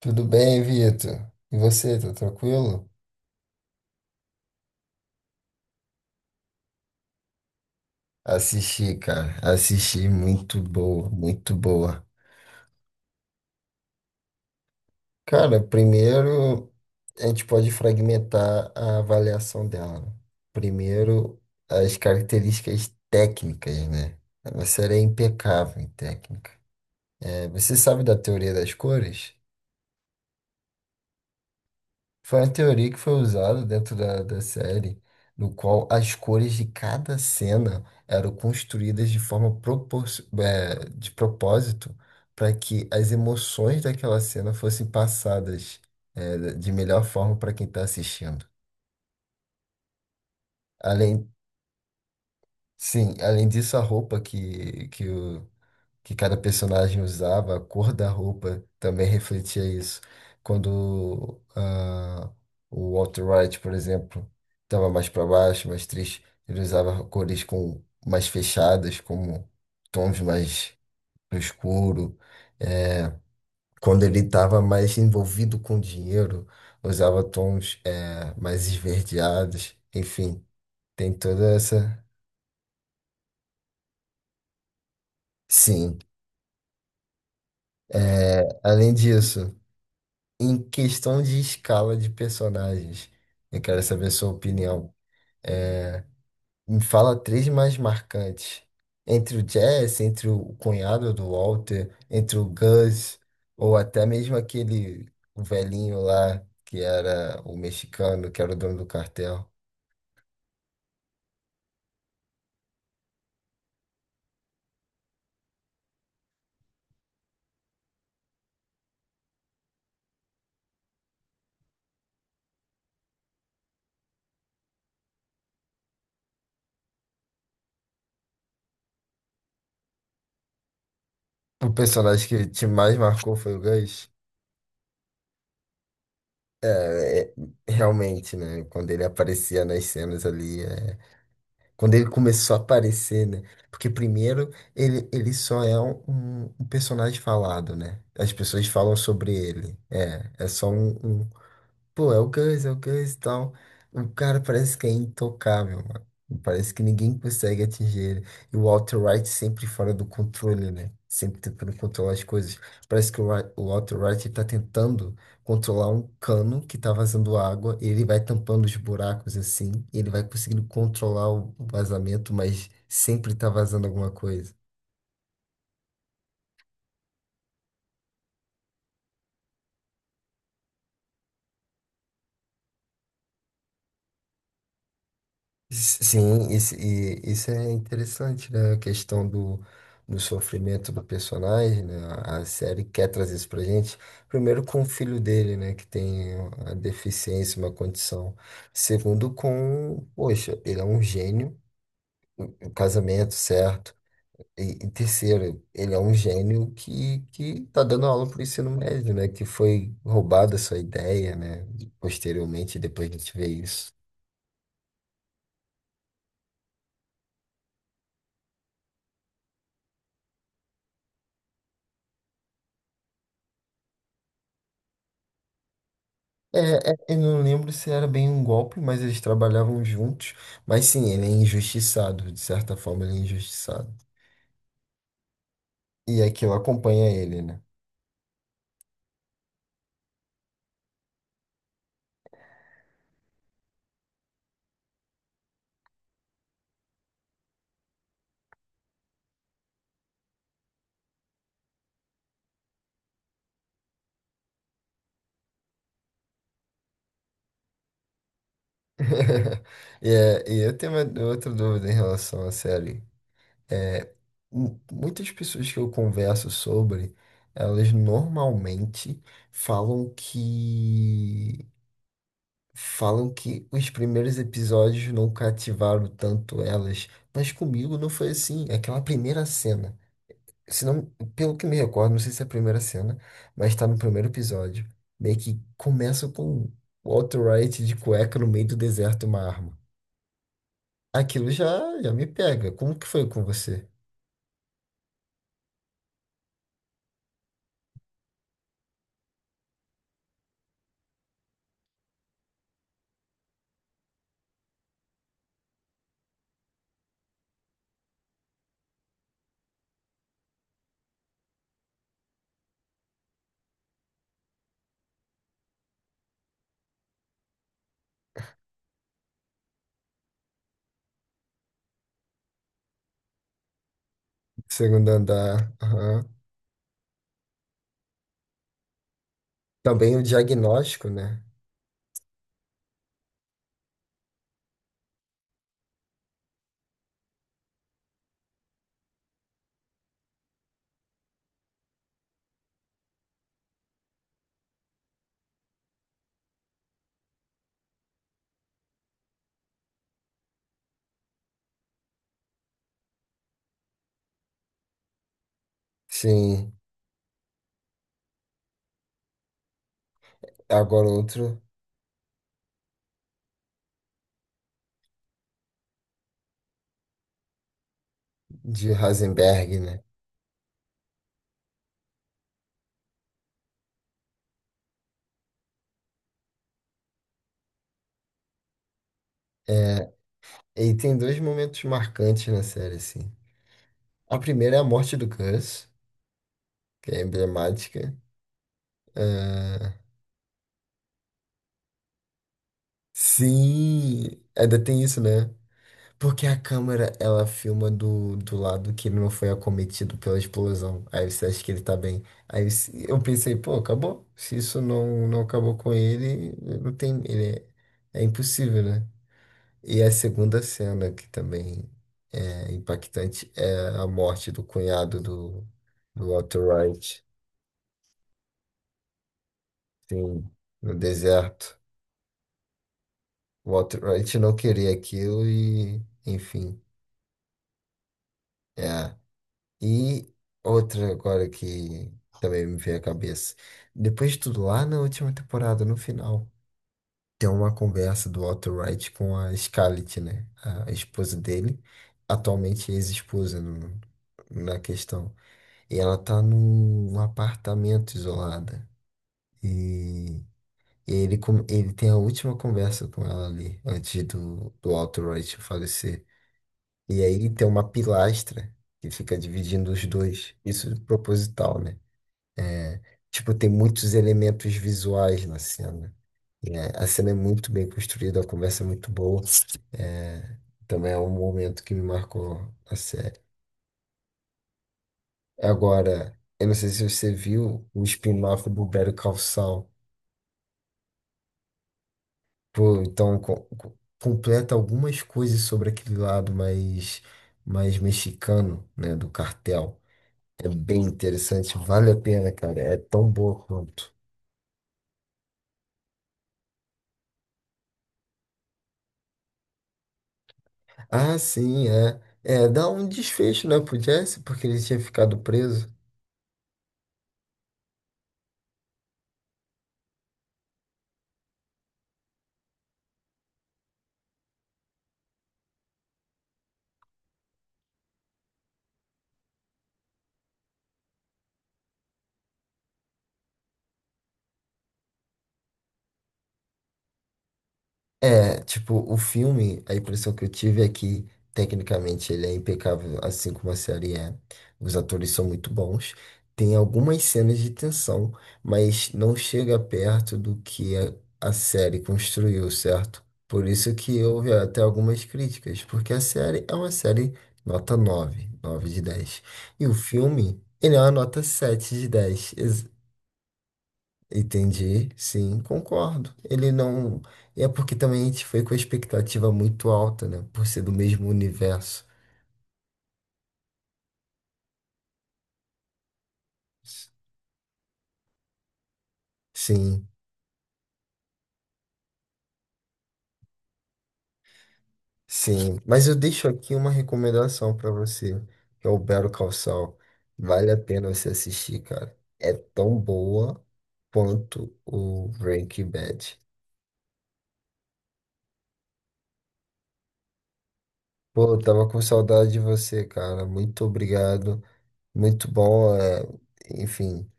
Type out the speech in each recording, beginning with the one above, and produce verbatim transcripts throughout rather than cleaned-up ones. Tudo bem, Vitor? E você, tá tranquilo? Assisti, cara. Assisti, muito boa, muito boa. Cara, primeiro a gente pode fragmentar a avaliação dela, né? Primeiro, as características técnicas, né? Ela série é impecável em técnica. É, você sabe da teoria das cores? Foi uma teoria que foi usada dentro da, da série, no qual as cores de cada cena eram construídas de forma propor eh, de propósito para que as emoções daquela cena fossem passadas, eh, de melhor forma para quem está assistindo. Além, sim, além disso, a roupa que, que, o- que cada personagem usava, a cor da roupa também refletia isso. Quando ah, o Walter White, por exemplo, estava mais para baixo, mais triste, ele usava cores com mais fechadas, como tons mais escuro. É, quando ele estava mais envolvido com dinheiro, usava tons é, mais esverdeados. Enfim, tem toda essa. Sim. É, além disso. Em questão de escala de personagens, eu quero saber a sua opinião. É, me fala três mais marcantes. Entre o Jess, entre o cunhado do Walter, entre o Gus, ou até mesmo aquele o velhinho lá, que era o mexicano, que era o dono do cartel. O personagem que te mais marcou foi o Gus. É, é, realmente, né? Quando ele aparecia nas cenas ali, é quando ele começou a aparecer, né? Porque primeiro ele, ele só é um, um- um personagem falado, né? As pessoas falam sobre ele. É, é só um, um. Pô, é o Gus, é o Gus e tal. O cara parece que é intocável, mano. Parece que ninguém consegue atingir ele. E o Walter White sempre fora do controle, né? Sempre tentando controlar as coisas. Parece que o, Wa- o Walter White ele tá tentando controlar um cano que tá vazando água. E ele vai tampando os buracos assim. E ele vai conseguindo controlar o o vazamento, mas sempre tá vazando alguma coisa. Sim, isso, e isso é interessante, né? A questão do, do sofrimento do personagem, né? A a série quer trazer isso pra gente. Primeiro com o filho dele, né? Que tem a deficiência, uma condição. Segundo com, poxa, ele é um gênio, o casamento certo. E, e terceiro, ele é um gênio que, que tá dando aula pro ensino médio, né? Que foi roubada sua ideia, né? Posteriormente, depois a gente vê isso. É, é, eu não lembro se era bem um golpe, mas eles trabalhavam juntos. Mas sim, ele é injustiçado, de certa forma ele é injustiçado. E aquilo acompanha ele, né? E, é, e eu tenho uma, outra dúvida em relação à série. É, mu- muitas pessoas que eu converso sobre, elas normalmente falam que falam que os primeiros episódios não cativaram tanto elas. Mas comigo não foi assim. Aquela primeira cena. Se não, pelo que me recordo, não sei se é a primeira cena, mas tá no primeiro episódio. Meio que começa com o Walter White de cueca no meio do deserto, uma arma. Aquilo já, já me pega. Como que foi com você? Segundo andar. Aham. Também o diagnóstico, né? Sim. é Agora outro de Heisenberg, né? É, e tem dois momentos marcantes na série, assim. A primeira é a morte do Gus, que é emblemática. É, sim, ainda tem isso, né? Porque a câmera, ela filma do, do lado que ele não foi acometido pela explosão. Aí você acha que ele tá bem. Aí se- eu pensei, pô, acabou. Se isso não, não acabou com ele, não tem, ele é, é impossível, né? E a segunda cena, que também é impactante, é a morte do cunhado do, do Walter White, sim, no deserto. O Walter White não queria aquilo e, enfim, é. E outra agora que também me veio à cabeça. Depois de tudo, lá na última temporada, no final, tem uma conversa do Walter White com a Scarlett, né? A esposa dele, atualmente ex-esposa no- na questão. E ela tá num apartamento isolada. E ele, com- ele tem a última conversa com ela ali, antes do, do Walter White falecer. E aí tem uma pilastra que fica dividindo os dois. Isso é proposital, né? Tipo, tem muitos elementos visuais na cena. É, a cena é muito bem construída, a conversa é muito boa. É, também é um momento que me marcou a série. Agora, eu não sei se você viu o spin-off do Better Call Saul. Pô, então co- co- completa algumas coisas sobre aquele lado mais, mais mexicano, né, do cartel. É bem interessante, vale a pena, cara. É tão boa quanto. Ah, sim, é. É, dá um desfecho, né, pro Jesse, porque ele tinha ficado preso. É, tipo, o filme, a impressão que eu tive é que, tecnicamente, ele é impecável, assim como a série é. Os atores são muito bons. Tem algumas cenas de tensão, mas não chega perto do que a, a série construiu, certo? Por isso que houve até algumas críticas, porque a série é uma série nota nove nove de dez. E o filme, ele é uma nota sete de dez. Entendi, sim, concordo. Ele não. É porque também a gente foi com a expectativa muito alta, né? Por ser do mesmo universo. Sim, sim. Mas eu deixo aqui uma recomendação pra você, que é o Better Call Saul. Vale a pena você assistir, cara. É tão boa quanto o Breaking Bad. Pô, eu tava com saudade de você, cara. Muito obrigado. Muito bom. é, Enfim.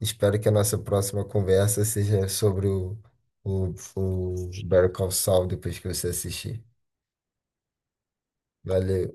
Espero que a nossa próxima conversa seja sobre o, o, o Better Call Saul depois que você assistir. Valeu.